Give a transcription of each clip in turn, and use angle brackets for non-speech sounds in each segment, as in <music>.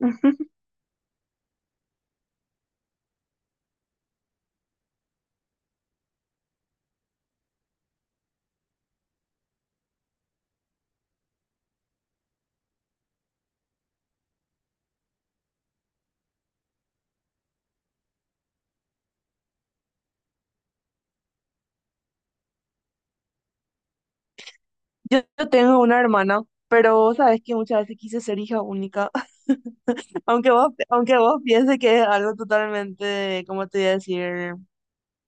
<laughs> Yo tengo una hermana, pero sabes que muchas veces quise ser hija única. <laughs> Aunque vos pienses que es algo totalmente, ¿cómo te voy a decir?,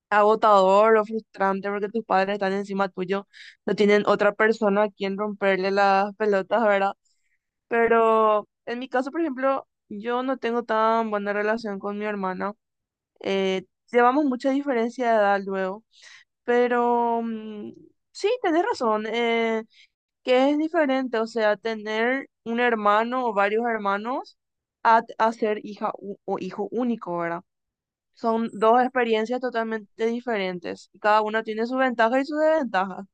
agotador o frustrante porque tus padres están encima tuyo, no tienen otra persona a quien romperle las pelotas, ¿verdad? Pero en mi caso, por ejemplo, yo no tengo tan buena relación con mi hermana. Eh, Llevamos mucha diferencia de edad luego, pero sí, tenés razón. Que es diferente, o sea, tener un hermano o varios hermanos a ser hija u- o hijo único, ¿verdad? Son dos experiencias totalmente diferentes y cada una tiene sus ventajas y sus desventajas.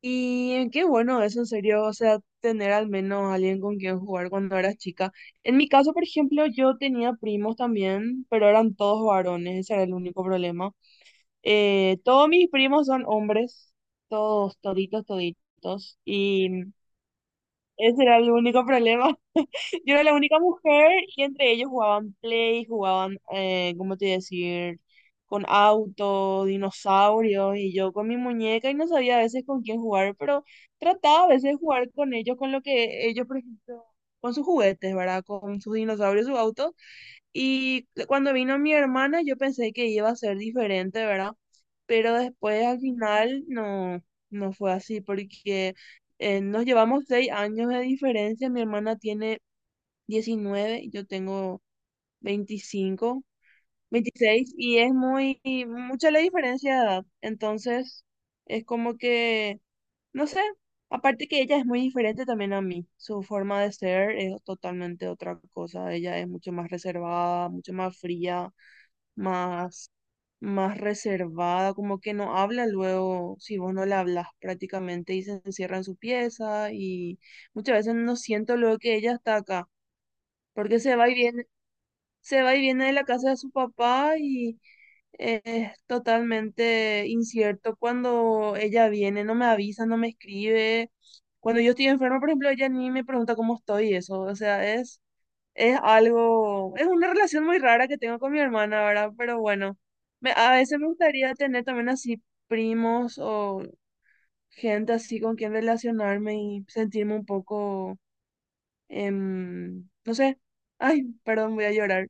Y qué bueno eso, en serio, o sea, tener al menos alguien con quien jugar cuando eras chica. En mi caso, por ejemplo, yo tenía primos también, pero eran todos varones, ese era el único problema. Todos mis primos son hombres, todos, toditos, toditos. Y ese era el único problema. <laughs> Yo era la única mujer y entre ellos jugaban Play, jugaban, ¿cómo te decir? Con autos, dinosaurios y yo con mi muñeca y no sabía a veces con quién jugar, pero trataba a veces de jugar con ellos, con lo que ellos, por ejemplo, con sus juguetes, ¿verdad? Con sus dinosaurios, sus autos. Y cuando vino mi hermana, yo pensé que iba a ser diferente, ¿verdad? Pero después al final no, no fue así, porque nos llevamos 6 años de diferencia. Mi hermana tiene 19 y yo tengo 25 26 y es muy, mucha la diferencia de edad. Entonces, es como que, no sé, aparte que ella es muy diferente también a mí. Su forma de ser es totalmente otra cosa. Ella es mucho más reservada, mucho más fría, más, más reservada, como que no habla luego si vos no le hablas prácticamente y se encierra en su pieza y muchas veces no siento luego que ella está acá, porque se va y viene, se va y viene de la casa de su papá y es totalmente incierto cuando ella viene, no me avisa, no me escribe. Cuando yo estoy enferma, por ejemplo, ella ni me pregunta cómo estoy, y eso, o sea, es algo, es una relación muy rara que tengo con mi hermana, ¿verdad? Pero bueno, a veces me gustaría tener también así primos o gente así con quien relacionarme y sentirme un poco, no sé, ay, perdón, voy a llorar.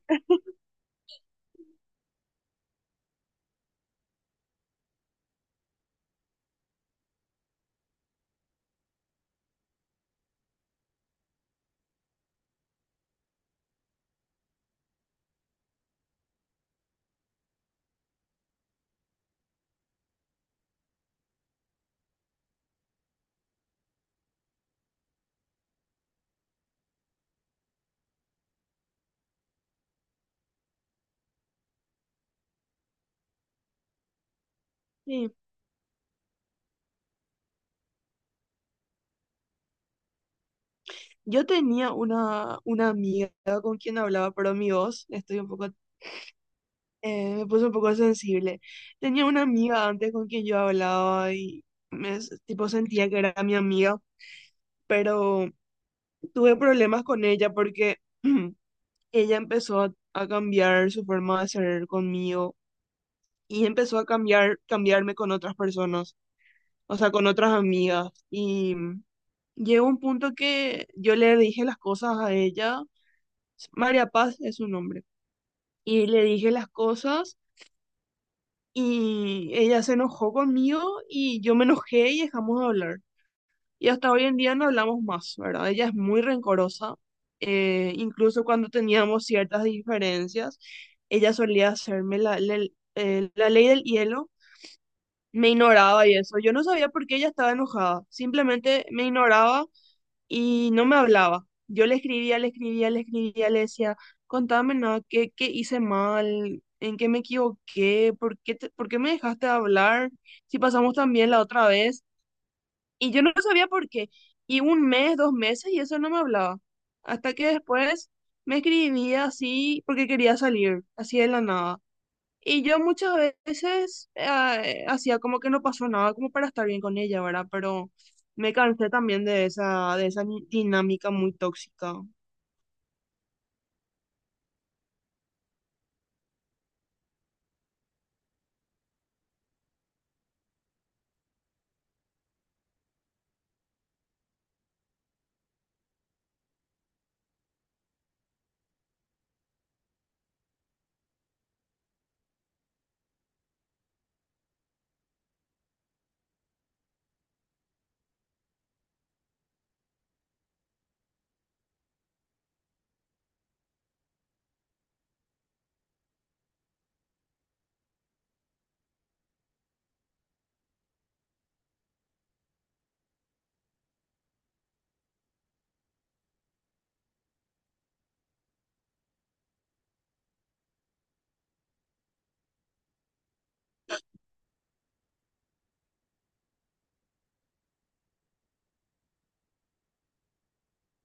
Sí, yo tenía una amiga con quien hablaba, pero mi voz, estoy un poco me puse un poco sensible. Tenía una amiga antes con quien yo hablaba y tipo sentía que era mi amiga, pero tuve problemas con ella porque <clears throat> ella empezó a cambiar su forma de ser conmigo y empezó a cambiar, cambiarme con otras personas, o sea, con otras amigas. Y llegó un punto que yo le dije las cosas a ella, María Paz es su nombre, y le dije las cosas. Y ella se enojó conmigo y yo me enojé y dejamos de hablar. Y hasta hoy en día no hablamos más, ¿verdad? Ella es muy rencorosa. Incluso cuando teníamos ciertas diferencias, ella solía hacerme la ley del hielo. Me ignoraba y eso. Yo no sabía por qué ella estaba enojada. Simplemente me ignoraba y no me hablaba. Yo le escribía, le escribía, le escribía, le decía, contame nada, ¿qué, qué hice mal? ¿En qué me equivoqué? ¿Por qué me dejaste de hablar? Si pasamos tan bien la otra vez. Y yo no sabía por qué. Y un mes, 2 meses, y eso no me hablaba. Hasta que después me escribía así porque quería salir, así de la nada. Y yo muchas veces hacía como que no pasó nada, como para estar bien con ella, ¿verdad? Pero me cansé también de esa dinámica muy tóxica.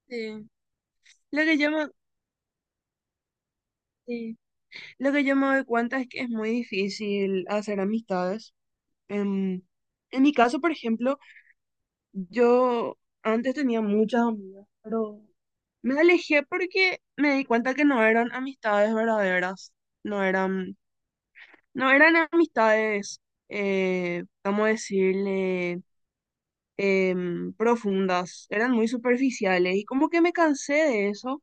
Sí, Lo que yo me, Sí, lo que yo me doy cuenta es que es muy difícil hacer amistades. En, en mi caso, por ejemplo, yo antes tenía muchas amigas, pero me alejé porque me di cuenta que no eran amistades verdaderas, no eran no, eran amistades, vamos a decirle, profundas, eran muy superficiales y como que me cansé de eso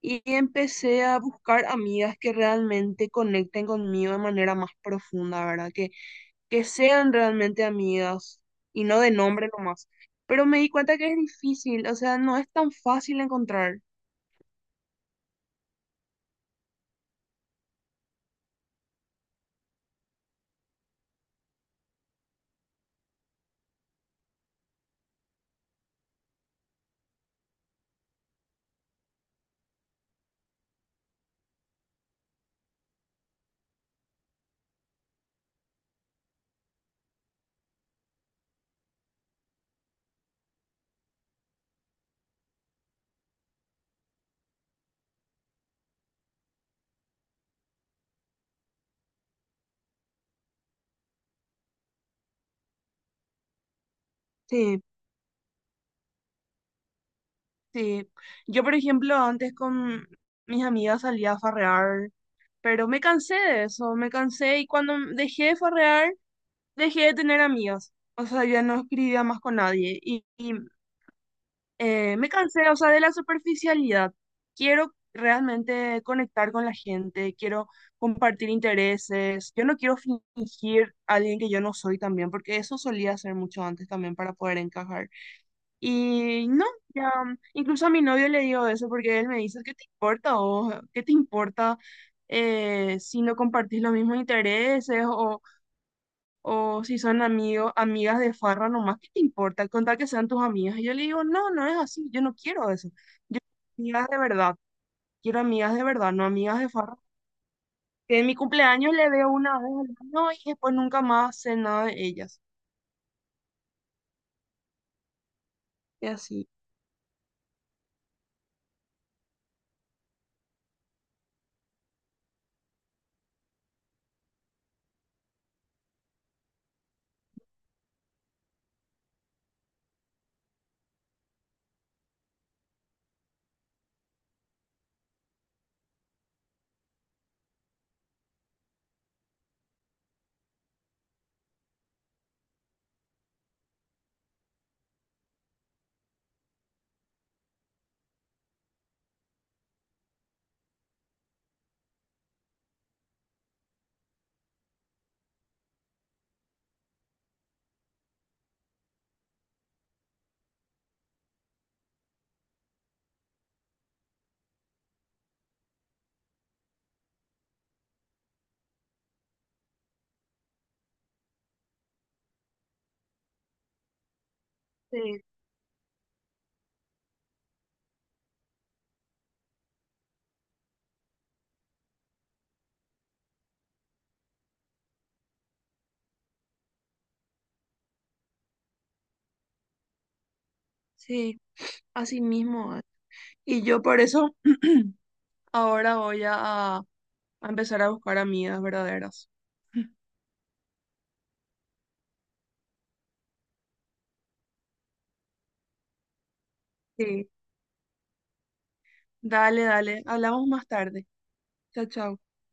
y empecé a buscar amigas que realmente conecten conmigo de manera más profunda, ¿verdad? Que sean realmente amigas y no de nombre nomás. Pero me di cuenta que es difícil, o sea, no es tan fácil encontrar. Sí, sí. Yo, por ejemplo, antes con mis amigas salía a farrear. Pero me cansé de eso, me cansé y cuando dejé de farrear, dejé de tener amigos. O sea, ya no escribía más con nadie. Y me cansé, o sea, de la superficialidad. Quiero realmente conectar con la gente, quiero compartir intereses. Yo no quiero fingir a alguien que yo no soy también, porque eso solía hacer mucho antes también para poder encajar. Y no, ya, incluso a mi novio le digo eso porque él me dice, ¿qué te importa o qué te importa si no compartís los mismos intereses o si son amigos, amigas de farra nomás? ¿Qué te importa? Contar que sean tus amigas. Y yo le digo, no, no es así, yo no quiero eso. Yo quiero amigas de verdad, quiero amigas de verdad, no amigas de farra. Que en mi cumpleaños le veo una vez al año no, y después nunca más sé nada de ellas. Y así. Sí, sí, así mismo. Y yo por eso. <clears throat> Ahora voy a empezar a buscar amigas verdaderas. <laughs> Sí, dale, dale. Hablamos más tarde. Chao, chao.